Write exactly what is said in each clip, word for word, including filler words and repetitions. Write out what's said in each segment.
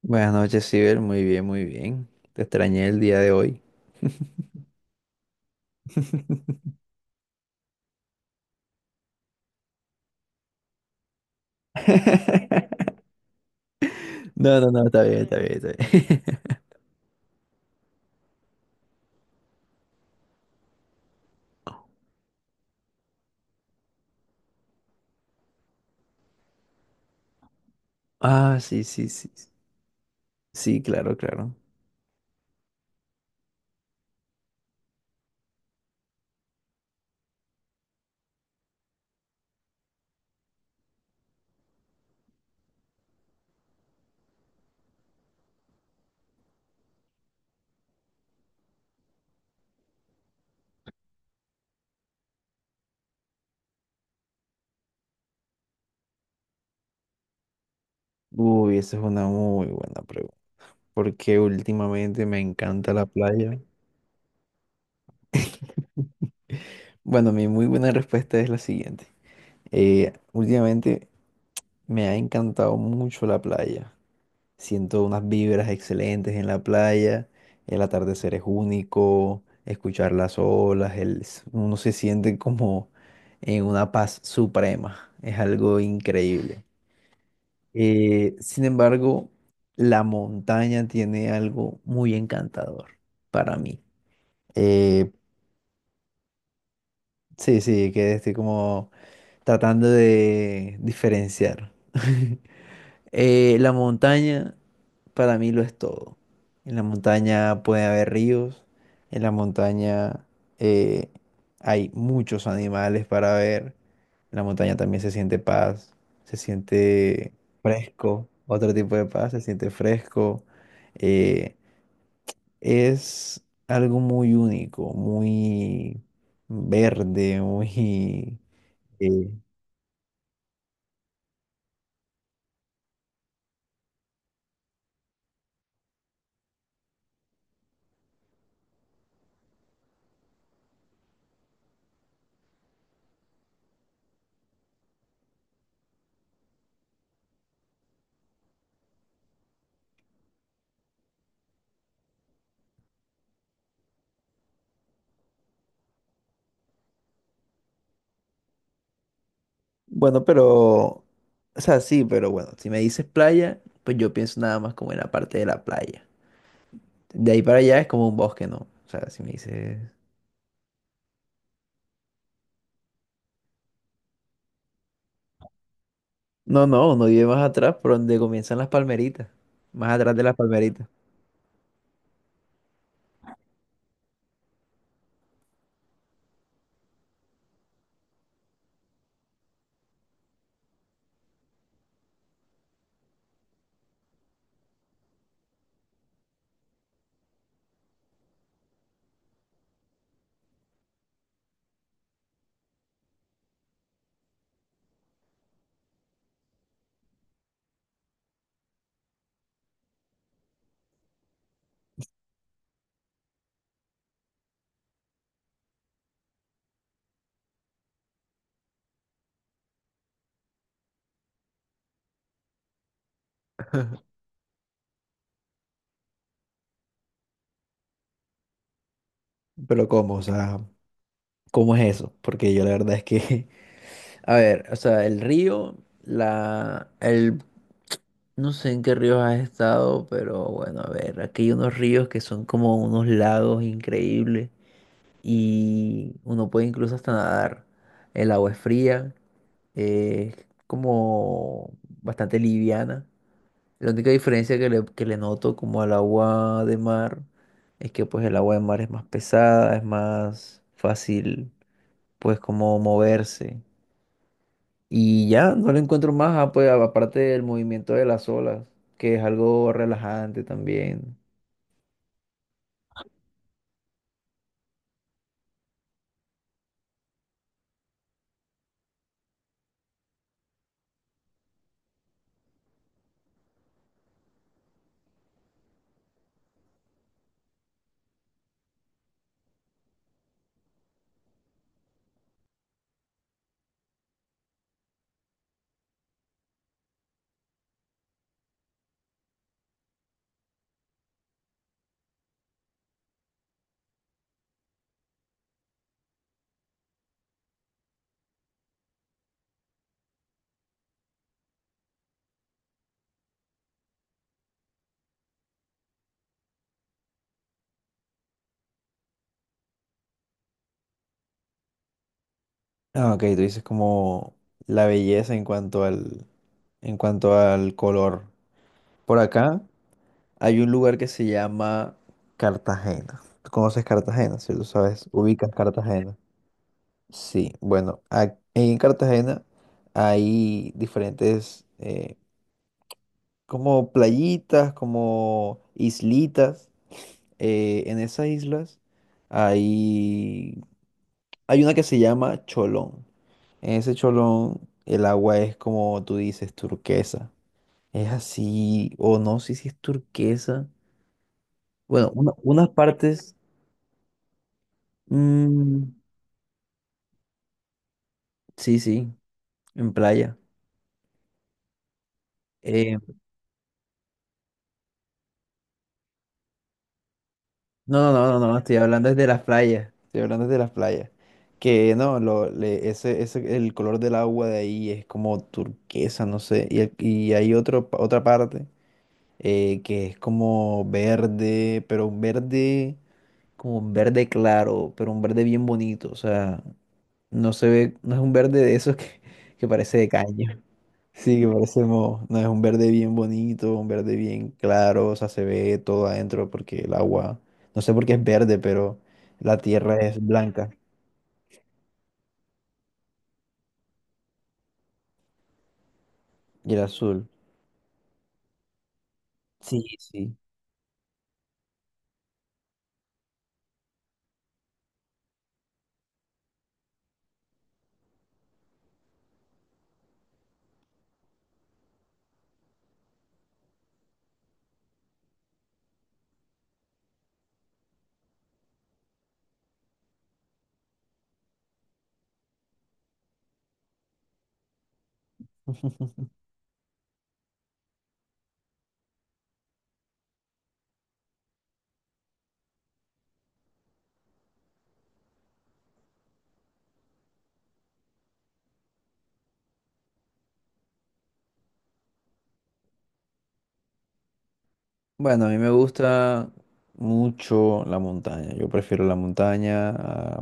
Buenas noches, Sibel. Muy bien, muy bien. Te extrañé el día de hoy. No, no, no, está bien, está bien, está bien. Ah, sí, sí, sí. Sí. Sí, claro, claro. Uy, esa es una muy buena pregunta. Porque últimamente me encanta la playa. Bueno, mi muy buena respuesta es la siguiente. Eh, últimamente me ha encantado mucho la playa. Siento unas vibras excelentes en la playa, el atardecer es único, escuchar las olas, el, s- uno se siente como en una paz suprema, es algo increíble. Eh, sin embargo, la montaña tiene algo muy encantador para mí. Eh, sí, sí, que estoy como tratando de diferenciar. Eh, la montaña para mí lo es todo. En la montaña puede haber ríos, en la montaña eh, hay muchos animales para ver, en la montaña también se siente paz, se siente fresco, otro tipo de paz, se siente fresco. eh, es algo muy único, muy verde, muy... eh, Bueno, pero, o sea, sí, pero bueno, si me dices playa, pues yo pienso nada más como en la parte de la playa. De ahí para allá es como un bosque, ¿no? O sea, si me dices... No, no, uno vive más atrás, por donde comienzan las palmeritas. Más atrás de las palmeritas. Pero ¿cómo? O sea, ¿cómo es eso? Porque yo la verdad es que, a ver, o sea, el río, la, el, no sé en qué ríos has estado, pero bueno, a ver, aquí hay unos ríos que son como unos lagos increíbles. Y uno puede incluso hasta nadar. El agua es fría, es como bastante liviana. La única diferencia que le, que le noto como al agua de mar es que pues el agua de mar es más pesada, es más fácil pues como moverse. Y ya, no le encuentro más, ah, pues aparte del movimiento de las olas, que es algo relajante también. Ah, ok, tú dices como la belleza en cuanto al, en cuanto al color. Por acá hay un lugar que se llama Cartagena. ¿Tú conoces Cartagena, cierto? ¿Sabes? Ubicas Cartagena. Sí, bueno, a- en Cartagena hay diferentes eh, como playitas, como islitas. Eh, en esas islas hay, hay una que se llama Cholón. En ese Cholón el agua es como tú dices, turquesa. Es así, o no sé si es turquesa. Bueno, una- unas partes. Mm, sí, sí, en playa. Eh, no, no, no, no, no, estoy hablando desde las playas. Estoy hablando desde las playas. Que no, lo, le- ese, ese, el color del agua de ahí es como turquesa, no sé. Y, el- y hay otro, pa- otra parte eh, que es como verde, pero un verde, como un verde claro, pero un verde bien bonito. O sea, No se ve, no es un verde de esos que, que parece de caña. Sí, que parece moho. No, es un verde bien bonito, un verde bien claro, o sea, se ve todo adentro porque el agua, no sé por qué es verde, pero la tierra es blanca y el azul. Sí, sí. Bueno, a mí me gusta mucho la montaña. Yo prefiero la montaña. a-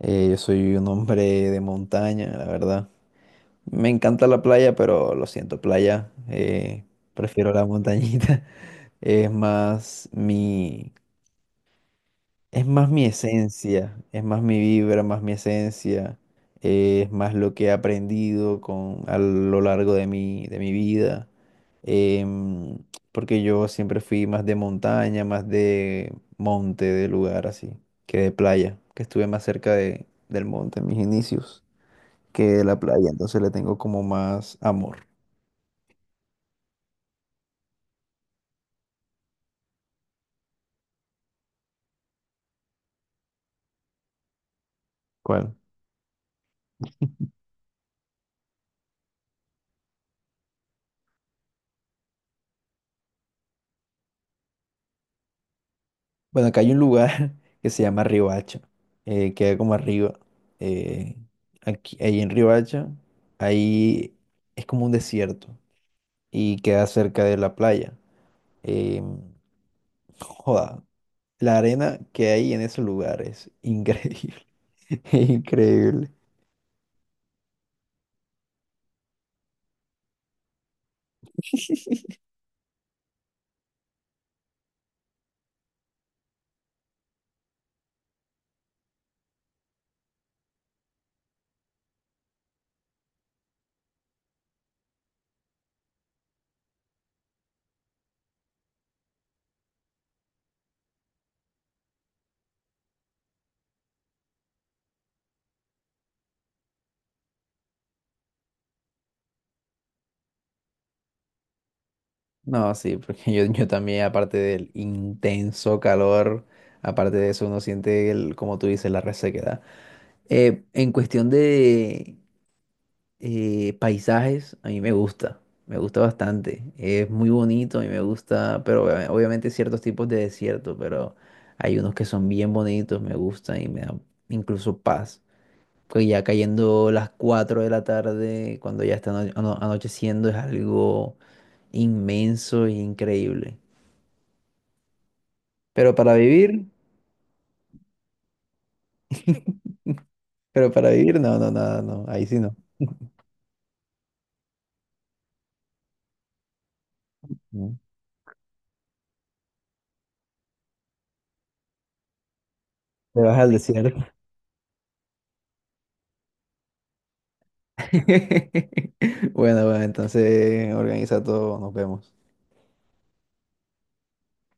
eh, Yo soy un hombre de montaña, la verdad. Me encanta la playa, pero lo siento, playa. Eh, prefiero la montañita. Es más mi, es más mi esencia, es más mi vibra, más mi esencia, eh, es más lo que he aprendido con, a lo largo de mi, de mi vida. em, Porque yo siempre fui más de montaña, más de monte, de lugar así, que de playa, que estuve más cerca de, del monte en mis inicios que de la playa, entonces le tengo como más amor. ¿Cuál? Bueno, acá hay un lugar que se llama Riohacha, eh, queda como arriba. eh, aquí, Ahí en Riohacha, ahí es como un desierto y queda cerca de la playa. Eh, Joda, la arena que hay en ese lugar es increíble, increíble. No, sí, porque yo, yo también, aparte del intenso calor, aparte de eso, uno siente, el, como tú dices, la resequedad. Eh, en cuestión de Eh, paisajes, a mí me gusta, me gusta bastante. Es muy bonito, a mí me gusta, pero obvia- obviamente ciertos tipos de desierto, pero hay unos que son bien bonitos, me gustan y me dan incluso paz. Pues ya cayendo las cuatro de la tarde, cuando ya está ano- ano- anocheciendo, es algo inmenso e increíble. Pero para vivir, pero para vivir, no, no, no, no, ahí sí no. Mm. Te vas al desierto. Bueno, bueno, entonces organiza todo, nos vemos.